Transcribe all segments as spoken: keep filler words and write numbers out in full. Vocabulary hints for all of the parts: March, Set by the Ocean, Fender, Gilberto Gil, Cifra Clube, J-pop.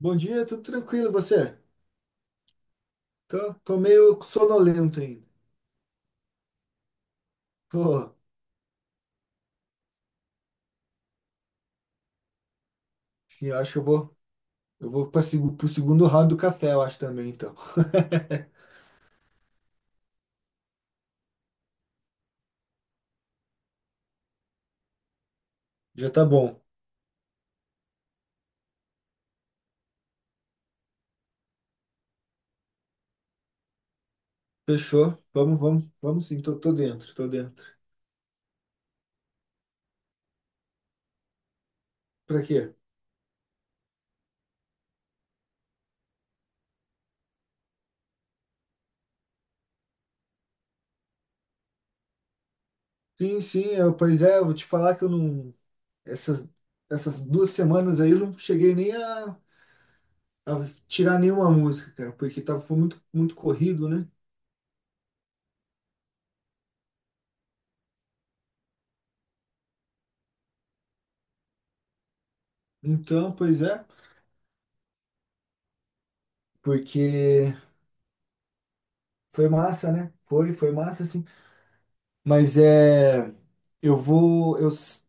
Bom dia, tudo tranquilo, e você? Tô, tô meio sonolento ainda. Pô, sim, eu acho que eu vou, eu vou para pro segundo round do café, eu acho também, então. Já tá bom. Fechou? Vamos, vamos, vamos sim, tô, tô dentro, tô dentro. Pra quê? Sim, sim, eu, pois é, eu vou te falar que eu não. Essas, essas duas semanas aí eu não cheguei nem a, a tirar nenhuma música, cara, porque tava, foi muito, muito corrido, né? Então, pois é, porque foi massa, né? Foi, foi massa, assim. Mas é. Eu vou. Eu s-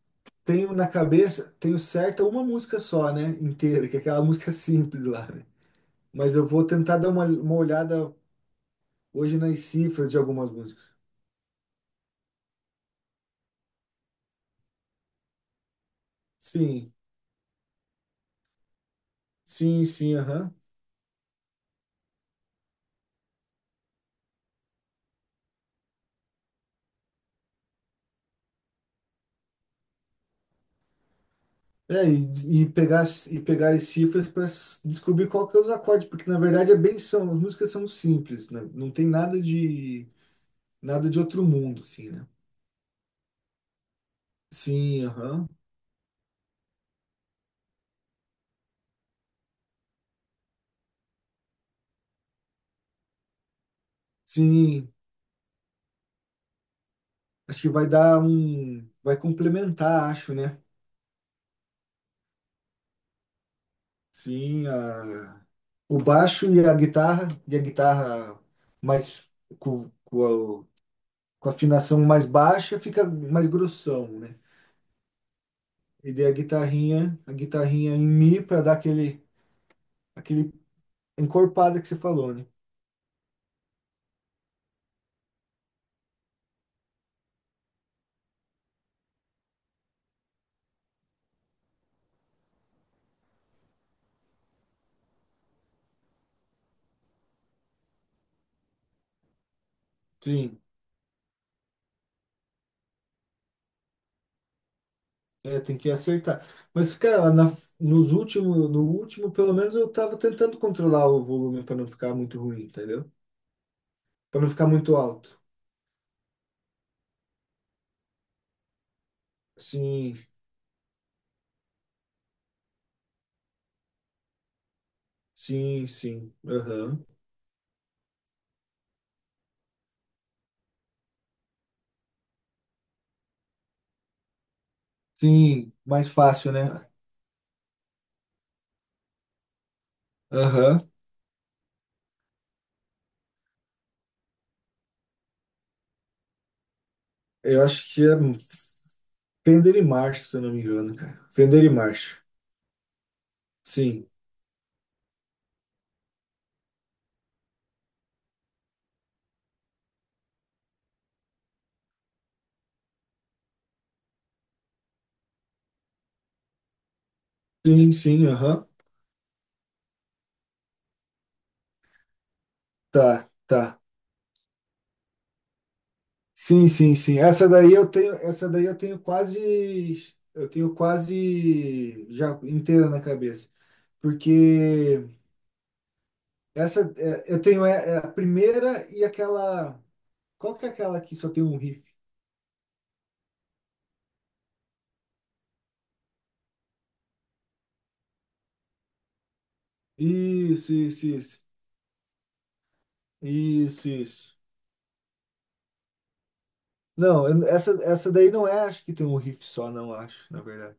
Tenho na cabeça, tenho certa uma música só, né? Inteira, que é aquela música simples lá, né? Mas eu vou tentar dar uma, uma olhada hoje nas cifras de algumas músicas. Sim, sim, sim, aham. É, e, e pegar, as- e pegar as cifras para descobrir qual que é os acordes, porque na verdade é bem são, as músicas são simples, né? Não tem nada de nada de outro mundo, assim, né? Sim, aham. Sim, acho que vai dar um. Vai complementar, acho, né? Sim, a- o baixo e a guitarra, e a guitarra mais com, com a, com a afinação mais baixa fica mais grossão, né? E daí a guitarrinha, a guitarrinha em mi para dar aquele, aquele encorpada que você falou, né? Sim, é, tem que acertar. Mas, cara, na, Nos últimos, no último, pelo menos eu tava tentando controlar o volume para não ficar muito ruim, entendeu? Para não ficar muito alto. Sim, sim, sim. Aham. Sim, mais fácil, né? Aham. Eu acho que é Fender e March, se eu não me engano, cara. Fender e March. Sim. Sim, sim, aham. Tá, tá. Sim, sim, sim. Essa daí eu tenho, essa daí eu tenho quase, eu tenho quase já inteira na cabeça. Porque essa é, eu tenho é, é a primeira e aquela, qual que é aquela que só tem um riff? Isso, isso, isso. Isso, isso. Não, eu- essa, essa daí não é, acho que tem um riff só, não acho, na verdade.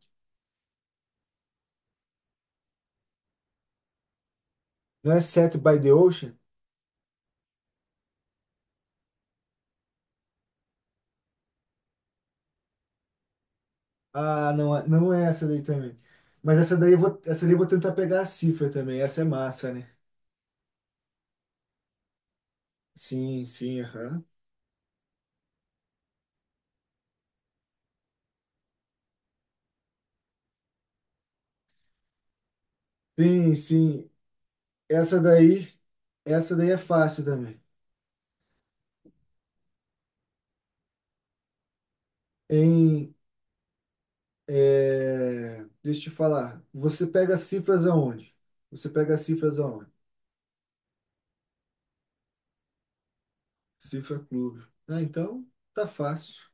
Não é Set by the Ocean? Ah, não, é- não é essa daí também. Mas essa daí eu vou, essa daí eu vou tentar pegar a cifra também. Essa é massa, né? Sim, sim, aham. Sim, sim. Essa daí, essa daí é fácil também. Em, é, deixa eu te falar. Você pega as cifras aonde? Você pega as cifras aonde? Cifra Clube. Ah, então tá fácil.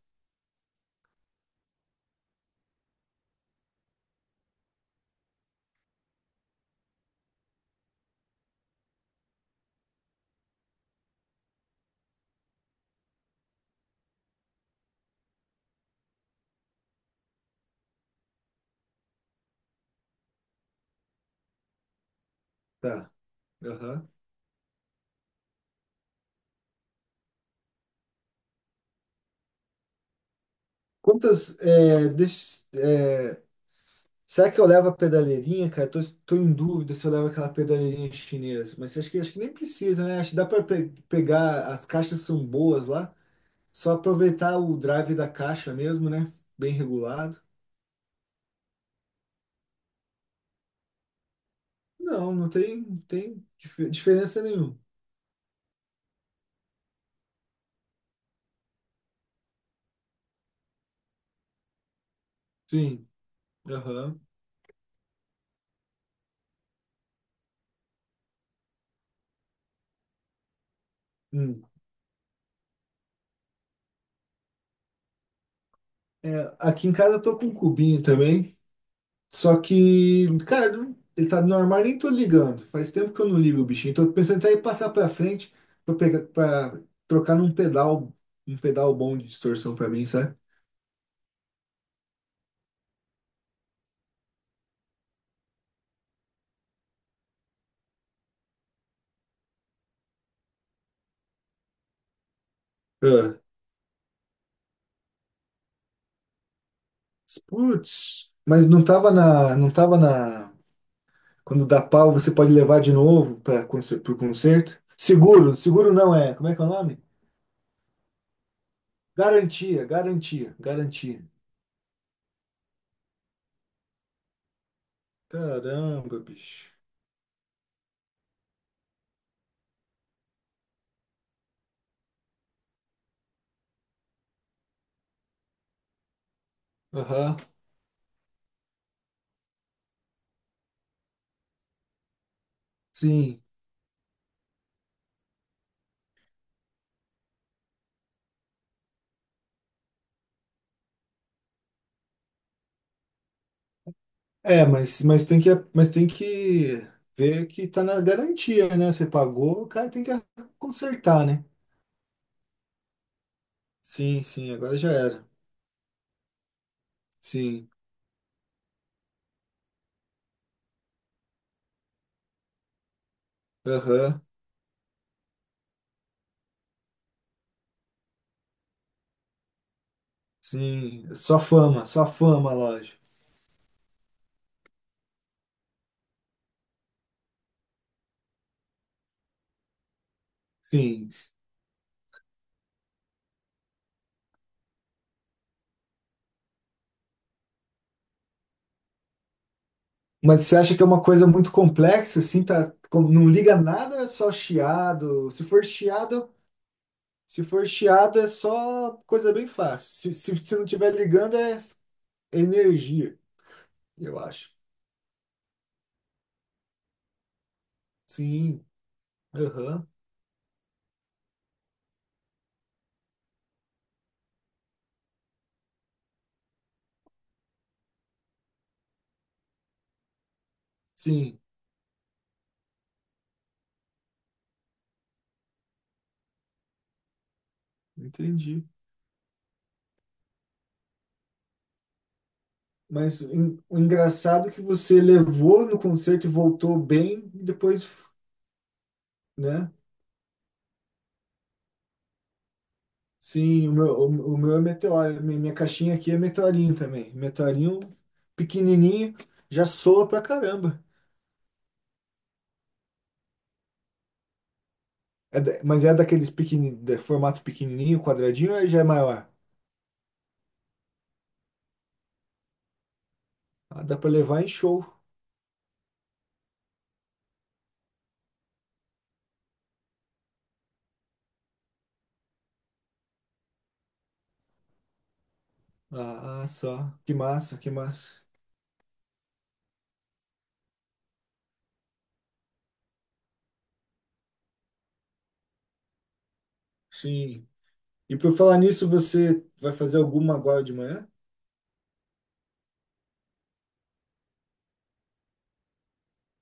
Tá. Aham. Quantas. É, des- é, será que eu levo a pedaleirinha, cara? Tô, tô em dúvida se eu levo aquela pedaleirinha chinesa. Mas acho que, acho que nem precisa, né? Acho que dá para pegar. As caixas são boas lá. Só aproveitar o drive da caixa mesmo, né? Bem regulado. Não, não tem, não tem dif- diferença nenhuma. Sim. Aham. Hum. É, aqui em casa eu tô com um cubinho também. Só que, cara, ele tá no armário, nem tô ligando. Faz tempo que eu não ligo o bichinho. Tô pensando até em passar pra frente pra pegar, pra trocar num pedal, um pedal bom de distorção pra mim, sabe? Ah, putz. Mas não tava na, não tava na. Quando dá pau, você pode levar de novo para pro concerto. Seguro, seguro não é. Como é que é o nome? Garantia, garantia, garantia. Caramba, bicho. Aham. Sim. É, mas, mas tem que, mas tem que ver que tá na garantia, né? Você pagou, o cara tem que consertar, né? Sim, sim, agora já era. Sim, aham, sim. Só fama, só fama, a loja. Sim. Mas você acha que é uma coisa muito complexa, assim, tá, com- não liga nada, é só chiado. Se for chiado, se for chiado é só coisa bem fácil. Se, se, se não tiver ligando é energia, eu acho. Sim, aham, sim. Entendi. Mas o en- o engraçado é que você levou no concerto e voltou bem, e depois, né? Sim, o meu, o, o meu é meteoro. Minha, minha caixinha aqui é meteorinho também. Meteorinho pequenininho, já soa pra caramba. É da- mas é daqueles pequeni, de formato pequenininho, quadradinho, ou já é maior? Ah, dá pra levar em show. Ah, ah, só. Que massa, que massa. Sim. E por falar nisso, você vai fazer alguma agora de manhã?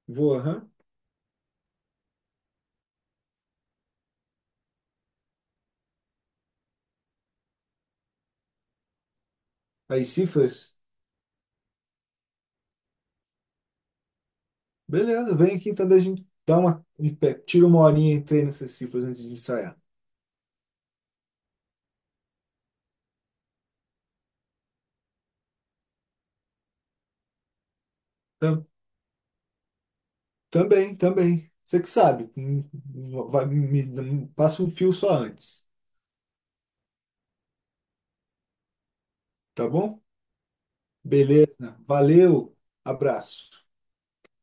Vou, aham. Aí, cifras? Beleza, vem aqui então, daí a gente dá uma, um pé, tira uma horinha e treina essas cifras antes de ensaiar. Tam- também, também. Você que sabe, hum, vai, me, me- passa um fio só antes, tá bom? Beleza, valeu, abraço.